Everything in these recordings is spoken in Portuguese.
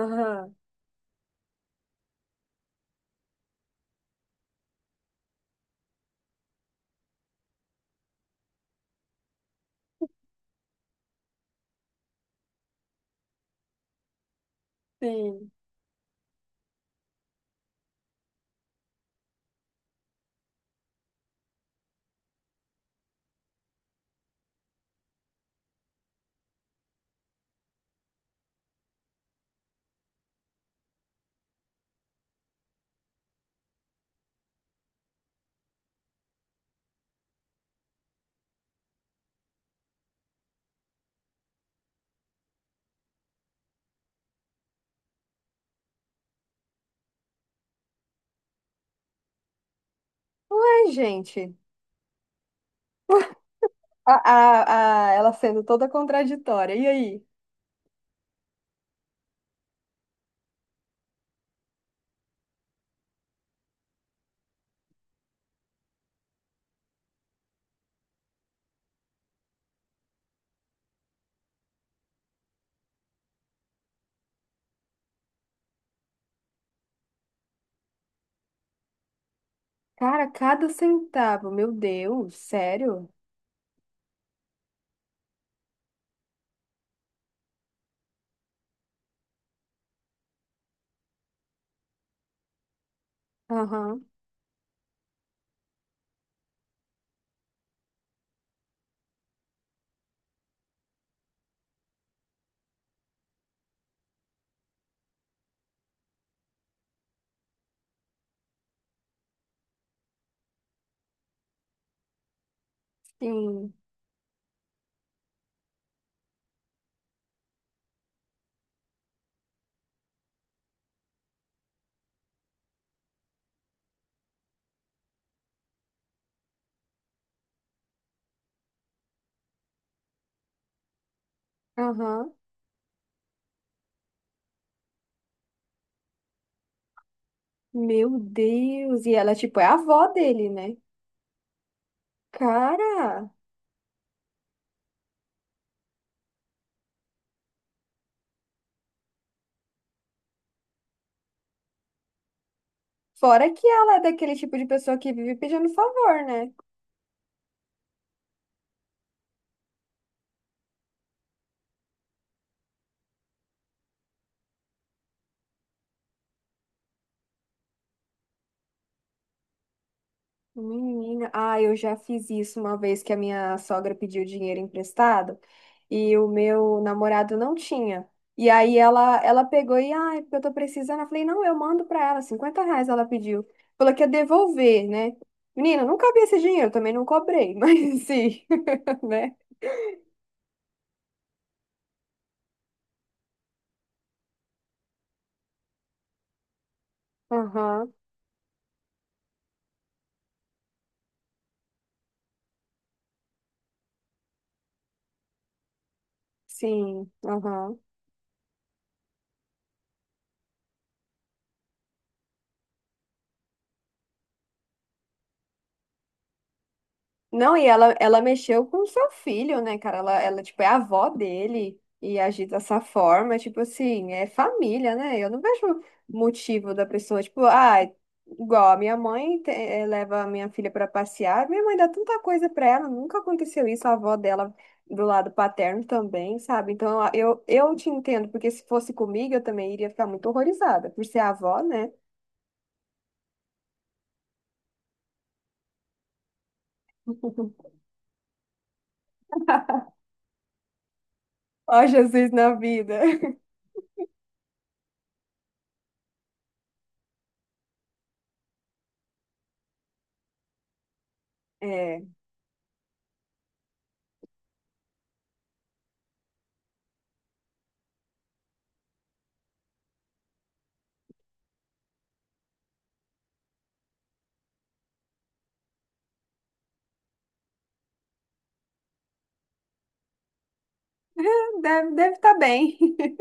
Aham, sim. Ué, gente, ela sendo toda contraditória. E aí? Cara, cada centavo, meu Deus, sério? Aham, sim. Aham, meu Deus. E ela, tipo, é a avó dele, né? Cara, fora que ela é daquele tipo de pessoa que vive pedindo favor, né? Menina, eu já fiz isso uma vez que a minha sogra pediu dinheiro emprestado e o meu namorado não tinha. E aí ela pegou e, ah, é porque eu tô precisando. Eu falei, não, eu mando pra ela, R$ 50 ela pediu. Falou que ia devolver, né? Menina, não cabia esse dinheiro, eu também não cobrei, mas sim, né? Aham, sim, aham. Não, e ela mexeu com o seu filho, né, cara? Ela, tipo, é a avó dele e agir dessa forma, tipo assim, é família, né? Eu não vejo motivo da pessoa, tipo, ah, igual a minha mãe leva a minha filha pra passear, minha mãe dá tanta coisa pra ela, nunca aconteceu isso, a avó dela do lado paterno também, sabe? Então, eu te entendo, porque se fosse comigo, eu também iria ficar muito horrorizada, por ser a avó, né? Ó, Jesus na vida. É, deve estar bem.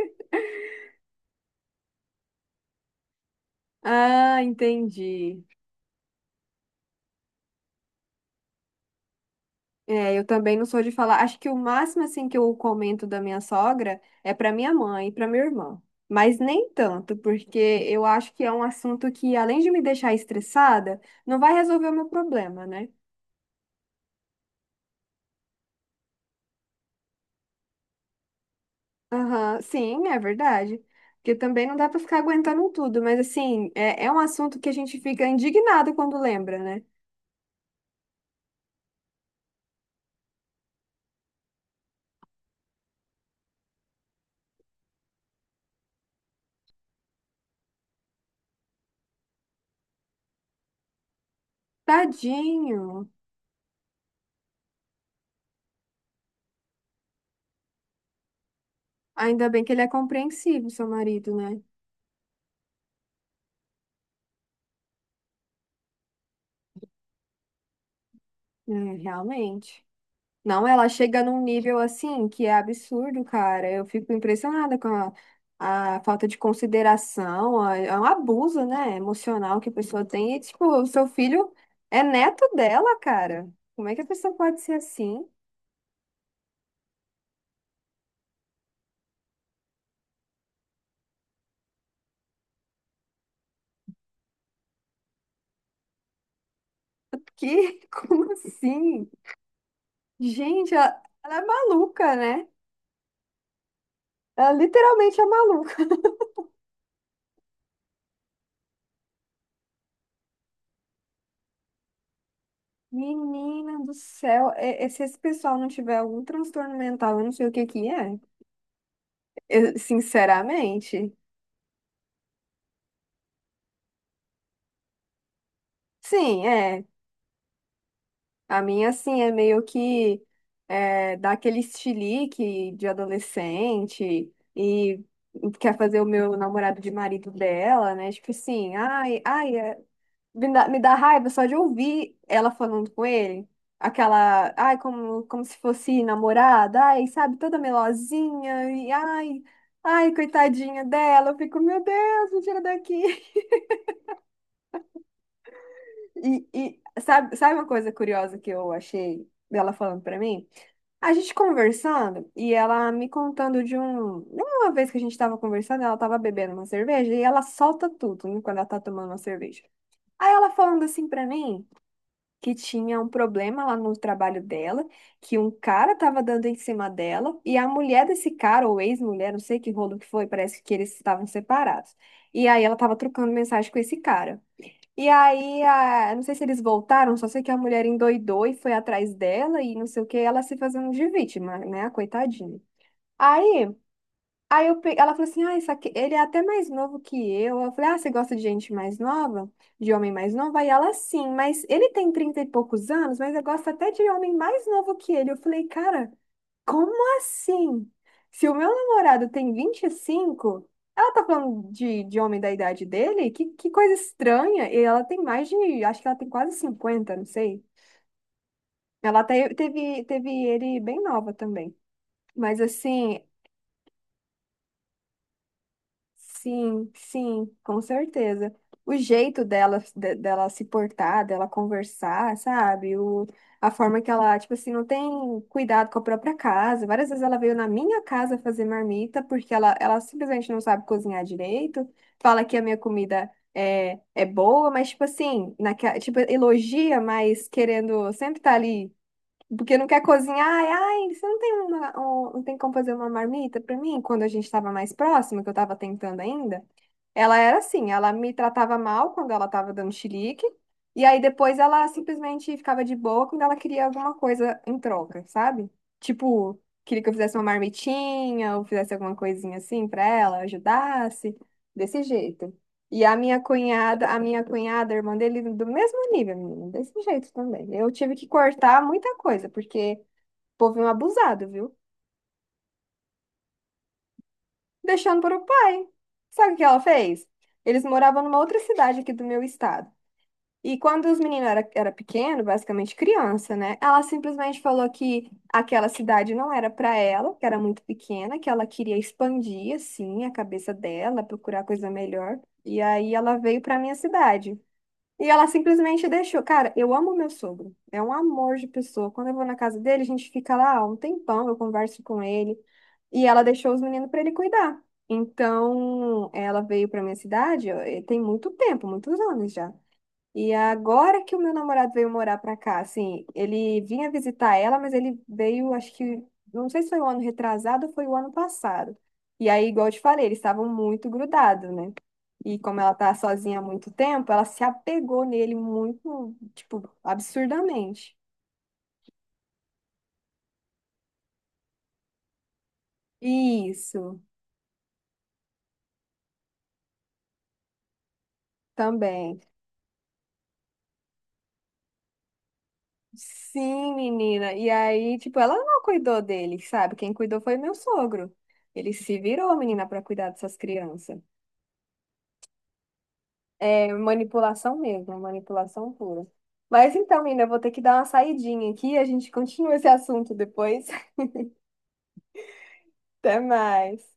Ah, entendi. É, eu também não sou de falar. Acho que o máximo assim que eu comento da minha sogra é para minha mãe e para minha irmã. Mas nem tanto, porque eu acho que é um assunto que, além de me deixar estressada, não vai resolver o meu problema, né? Aham, sim, é verdade. Porque também não dá para ficar aguentando tudo, mas assim, é um assunto que a gente fica indignado quando lembra, né? Tadinho. Ainda bem que ele é compreensivo, seu marido, né? É, realmente. Não, ela chega num nível assim que é absurdo, cara. Eu fico impressionada com a falta de consideração, a- é um abuso, né, emocional que a pessoa tem. E, tipo, o seu filho é neto dela, cara. Como é que a pessoa pode ser assim? Que? Como assim? Gente, ela é maluca, né? Ela literalmente é maluca. Menina do céu, e se esse pessoal não tiver algum transtorno mental, eu não sei o que que é. Eu, sinceramente. Sim, é. A minha, assim, é meio que é, dá aquele estilique de adolescente e quer fazer o meu namorado de marido dela, né? Tipo assim, ai, ai, é- me dá raiva só de ouvir ela falando com ele. Aquela, ai, como se fosse namorada, ai, sabe, toda melosinha, e ai, ai, coitadinha dela. Eu fico, meu Deus, me tira daqui. E sabe, sabe uma coisa curiosa que eu achei dela falando pra mim? A gente conversando e ela me contando de um. Uma vez que a gente tava conversando, ela tava bebendo uma cerveja e ela solta tudo, né, quando ela tá tomando uma cerveja. Aí ela falando assim pra mim que tinha um problema lá no trabalho dela, que um cara tava dando em cima dela e a mulher desse cara, ou ex-mulher, não sei que rolo que foi, parece que eles estavam separados. E aí ela tava trocando mensagem com esse cara. E aí, a... não sei se eles voltaram, só sei que a mulher endoidou e foi atrás dela e não sei o que, ela se fazendo de vítima, né, a coitadinha. Aí, aí eu pe... ela falou assim: ah, isso aqui... ele é até mais novo que eu. Eu falei: ah, você gosta de gente mais nova? De homem mais novo? Aí ela, sim, mas ele tem 30 e poucos anos, mas eu gosto até de homem mais novo que ele. Eu falei: cara. Como assim? Se o meu namorado tem 25, ela tá falando de homem da idade dele? Que coisa estranha. E ela tem mais de, acho que ela tem quase 50, não sei. Ela teve, teve ele bem nova também. Mas assim, sim, sim, com certeza. O jeito dela, de- dela se portar, dela conversar, sabe? O, a forma que ela, tipo assim, não tem cuidado com a própria casa. Várias vezes ela veio na minha casa fazer marmita porque ela simplesmente não sabe cozinhar direito. Fala que a minha comida é boa, mas, tipo assim, naquela, tipo, elogia, mas querendo sempre estar ali. Porque não quer cozinhar. Ai, ai, você não tem uma, um- não tem como fazer uma marmita pra mim? Quando a gente estava mais próximo, que eu estava tentando ainda, ela era assim, ela me tratava mal quando ela estava dando chilique, e aí depois ela simplesmente ficava de boa quando ela queria alguma coisa em troca, sabe? Tipo, queria que eu fizesse uma marmitinha, ou fizesse alguma coisinha assim pra ela, ajudasse, desse jeito. E a minha cunhada, a irmã dele, do mesmo nível, menina, desse jeito também. Eu tive que cortar muita coisa, porque o povo é um abusado, viu? Deixando para o pai. Sabe o que ela fez? Eles moravam numa outra cidade aqui do meu estado. E quando os meninos era pequeno, basicamente criança, né? Ela simplesmente falou que aquela cidade não era para ela, que era muito pequena, que ela queria expandir, assim, a cabeça dela, procurar coisa melhor. E aí ela veio para minha cidade. E ela simplesmente deixou. Cara, eu amo meu sogro. É um amor de pessoa. Quando eu vou na casa dele, a gente fica lá um tempão, eu converso com ele. E ela deixou os meninos para ele cuidar. Então, ela veio para minha cidade, ó, e tem muito tempo, muitos anos já. E agora que o meu namorado veio morar pra cá, assim, ele vinha visitar ela, mas ele veio, acho que, não sei se foi o ano retrasado ou foi o ano passado. E aí, igual eu te falei, eles estavam muito grudados, né? E como ela tá sozinha há muito tempo, ela se apegou nele muito, tipo, absurdamente. Isso, também. Sim, menina. E aí, tipo, ela não cuidou dele, sabe? Quem cuidou foi meu sogro. Ele se virou, menina, pra cuidar dessas crianças. É manipulação mesmo, manipulação pura. Mas então, Ina, eu vou ter que dar uma saidinha aqui, a gente continua esse assunto depois. Até mais.